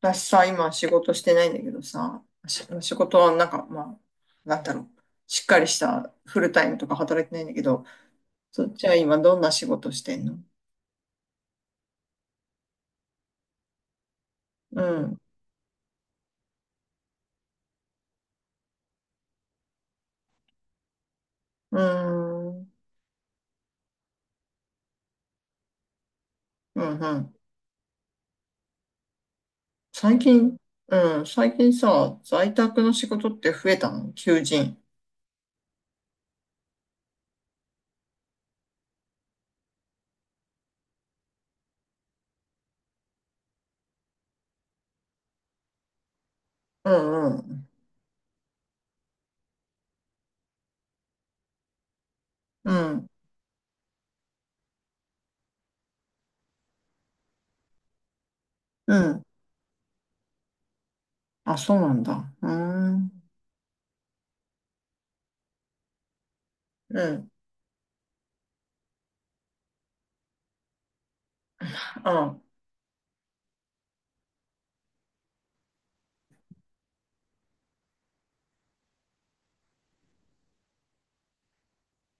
私さ、今仕事してないんだけどさ、仕事はなんか、まあ、なんだろう。しっかりしたフルタイムとか働いてないんだけど、そっちは今どんな仕事してんの？うん。うーん。うんうん。最近、うん。最近さ、在宅の仕事って増えたの求人。うんうん。うん。うん。あ、そうなんだ。うーん。うん。あ、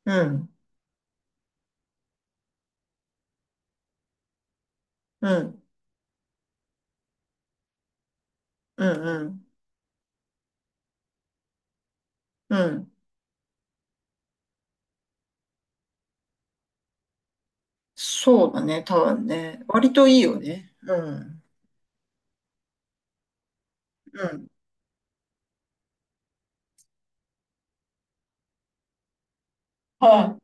うん。うん。うんうん。うん。そうだね、多分ね。割といいよね。うん。うん。は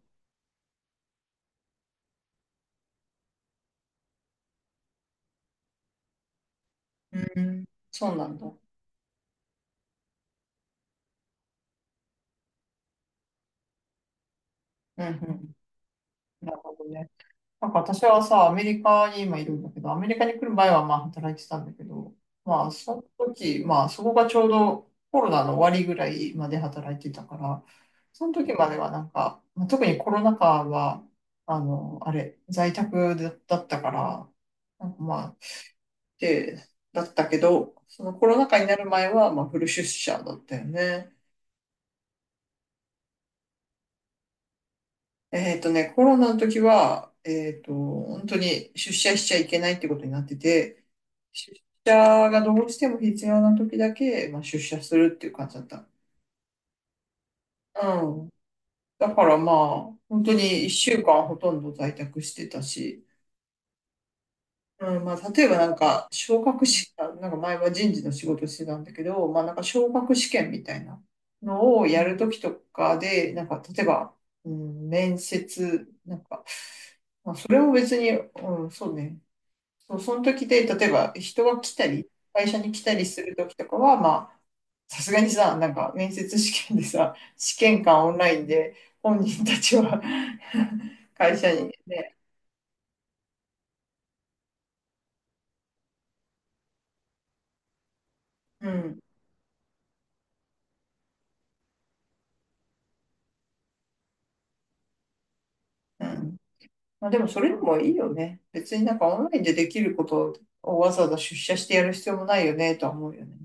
い。うん。そうなんだ。うんうん。なるほどね。なんか私はさ、アメリカに今いるんだけど、アメリカに来る前はまあ働いてたんだけど、まあその時、まあそこがちょうどコロナの終わりぐらいまで働いてたから、その時まではなんか、まあ特にコロナ禍は、あの、あれ、在宅だったから、なんかまて、だったけど、そのコロナ禍になる前は、まあ、フル出社だったよね。コロナの時は、本当に出社しちゃいけないってことになってて、出社がどうしても必要な時だけ、まあ、出社するっていう感じだった。うん。だからまあ、本当に一週間ほとんど在宅してたし、うん、まあ、例えばなんか、昇格試験、なんか前は人事の仕事してたんだけど、まあなんか昇格試験みたいなのをやるときとかで、なんか例えば、うん、面接、なんか、まあ、それを別に、うん、そうね、そう、その時で、例えば人が来たり、会社に来たりするときとかは、まあ、さすがにさ、なんか面接試験でさ、試験官オンラインで本人たちは 会社にね、うん、うん。まあ、でもそれでもいいよね。別になんかオンラインでできることをわざわざ出社してやる必要もないよねとは思うよね。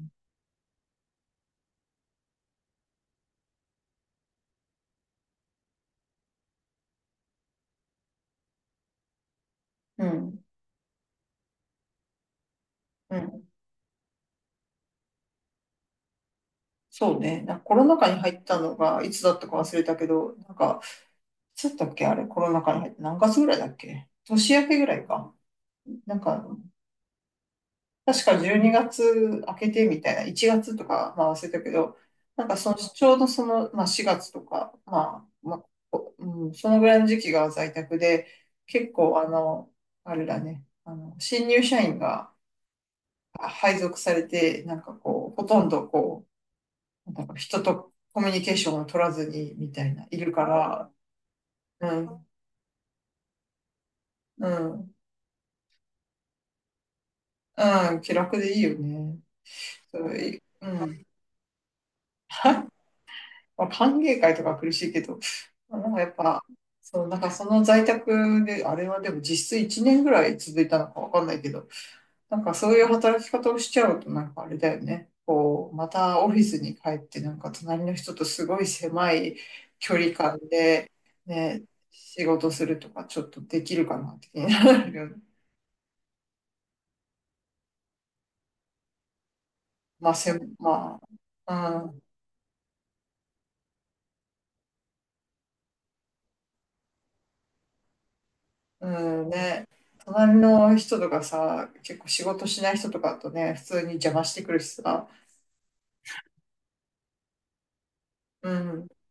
うん。うん。そうね。なんかコロナ禍に入ったのがいつだったか忘れたけど、なんか、いつだったっけあれ、コロナ禍に入って何月ぐらいだっけ、年明けぐらいか。なんか、確か12月明けてみたいな、1月とか、まあ忘れたけど、なんかその、ちょうどその、まあ4月とか、まあ、うん、そのぐらいの時期が在宅で、結構あれだね、新入社員が配属されて、なんかこう、ほとんどこう、なんか人とコミュニケーションを取らずにみたいな、いるから、うん、うん、うん、気楽でいいよね。そういうんまあ、歓迎会とかは苦しいけど、まあ、なんかやっぱ、そう、なんかその在宅で、あれはでも実質1年ぐらい続いたのかわかんないけど、なんかそういう働き方をしちゃうとなんかあれだよね。こう、またオフィスに帰ってなんか隣の人とすごい狭い距離感でね、仕事するとかちょっとできるかなって気になるよね。まあ、まあ、うんうんね、隣の人とかさ、結構仕事しない人とかとね、普通に邪魔してくるしさ、うん、うん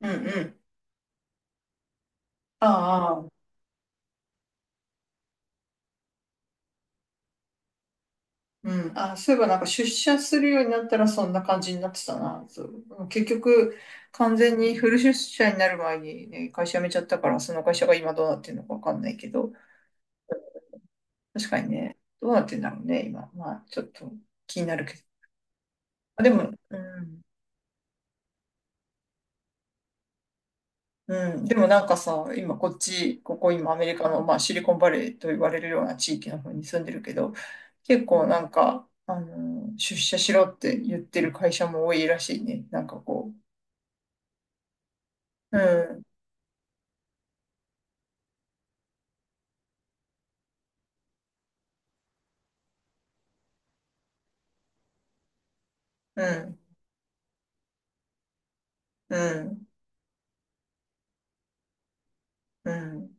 うん、ああ、うん、あ、そういえばなんか出社するようになったらそんな感じになってたな、そう、結局完全にフル出社になる前にね、会社辞めちゃったから、その会社が今どうなってるのかわかんないけど、確かにね、どうなってんだろうね、今。まあ、ちょっと気になるけど。あ、でも、うん。うん、でもなんかさ、今こっち、ここ今アメリカの、まあ、シリコンバレーと言われるような地域の方に住んでるけど、結構なんか、出社しろって言ってる会社も多いらしいね。なんかこう。うん、うん、うん、うん。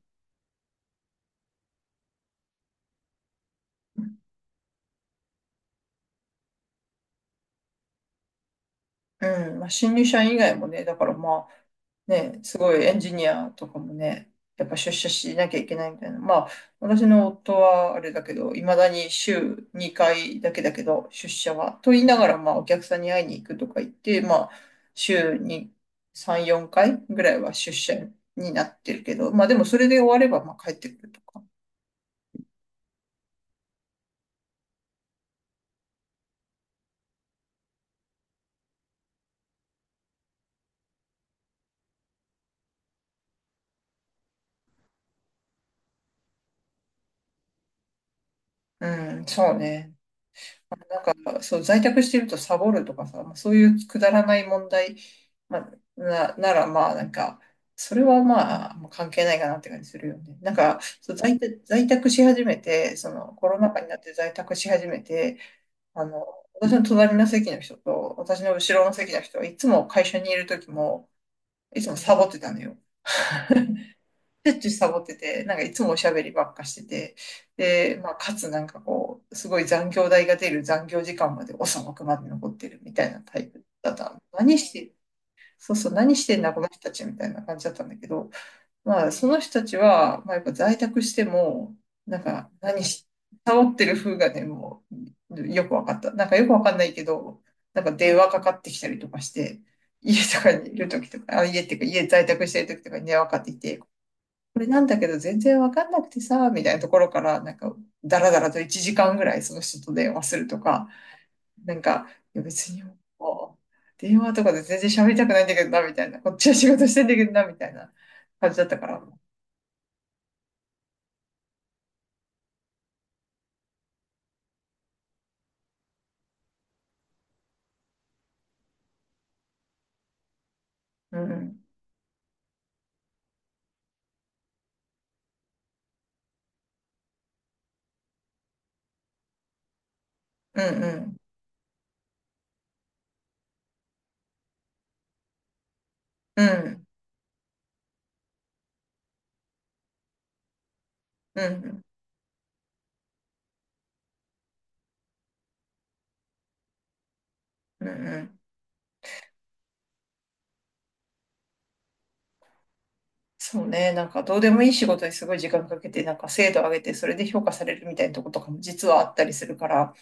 うん、まあ、新入社員以外もね、だからまあ、ね、すごいエンジニアとかもね、やっぱ出社しなきゃいけないみたいな。まあ、私の夫はあれだけど、いまだに週2回だけだけど、出社は。と言いながら、まあ、お客さんに会いに行くとか言って、まあ、週に3、4回ぐらいは出社になってるけど、まあ、でもそれで終われば、まあ、帰ってくるとか。うん、そうね。そう、在宅してるとサボるとかさ、まあ、そういうくだらない問題、まあ、ならまあなんか、それはまあ、もう関係ないかなって感じするよね。なんか、そう在宅し始めて、そのコロナ禍になって在宅し始めて、あの、私の隣の席の人と私の後ろの席の人はいつも会社にいる時も、いつもサボってたのよ。しょっちゅうサボってて、なんかいつもおしゃべりばっかしてて、で、まあ、かつなんかこう、すごい残業代が出る残業時間まで遅くまで残ってるみたいなタイプだったの。何して、そうそう、何してんだこの人たちみたいな感じだったんだけど、まあ、その人たちは、まあ、やっぱ在宅しても、なんか何し、サボってる風がね、もう、よくわかった。なんかよくわかんないけど、なんか電話かかってきたりとかして、家とかにいる時とか、あ、家っていうか家在宅してる時とかに電話かかってきて、これなんだけど全然わかんなくてさ、みたいなところから、なんか、だらだらと1時間ぐらいその人と電話するとか、なんか、いや別に、もう電話とかで全然喋りたくないんだけどな、みたいな。こっちは仕事してんだけどな、みたいな感じだったから。うん、うん、うん、うん、うん、うん、うん。そうね、なんかどうでもいい仕事にすごい時間かけて、なんか精度上げて、それで評価されるみたいなとことかも実はあったりするから、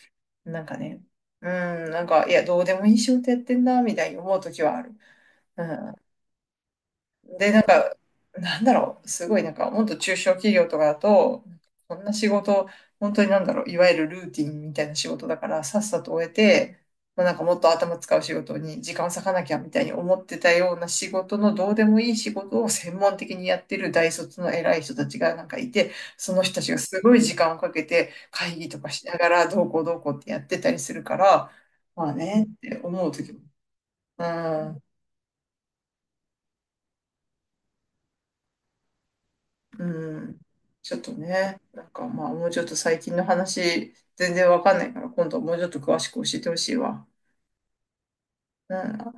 なんかね、うん、なんか、いや、どうでもいい仕事やってんな、みたいに思うときはある。うん、で、なんか、なんだろう、すごいなんか、もっと中小企業とかだと、こんな仕事、本当になんだろう、いわゆるルーティンみたいな仕事だから、さっさと終えて、まあ、なんかもっと頭使う仕事に時間を割かなきゃみたいに思ってたような仕事のどうでもいい仕事を専門的にやってる大卒の偉い人たちがなんかいて、その人たちがすごい時間をかけて会議とかしながらどうこうどうこうってやってたりするから、まあねって思う時も。うんうん。ちょっとね、なんかまあもうちょっと最近の話全然わかんないから今度はもうちょっと詳しく教えてほしいわ。うん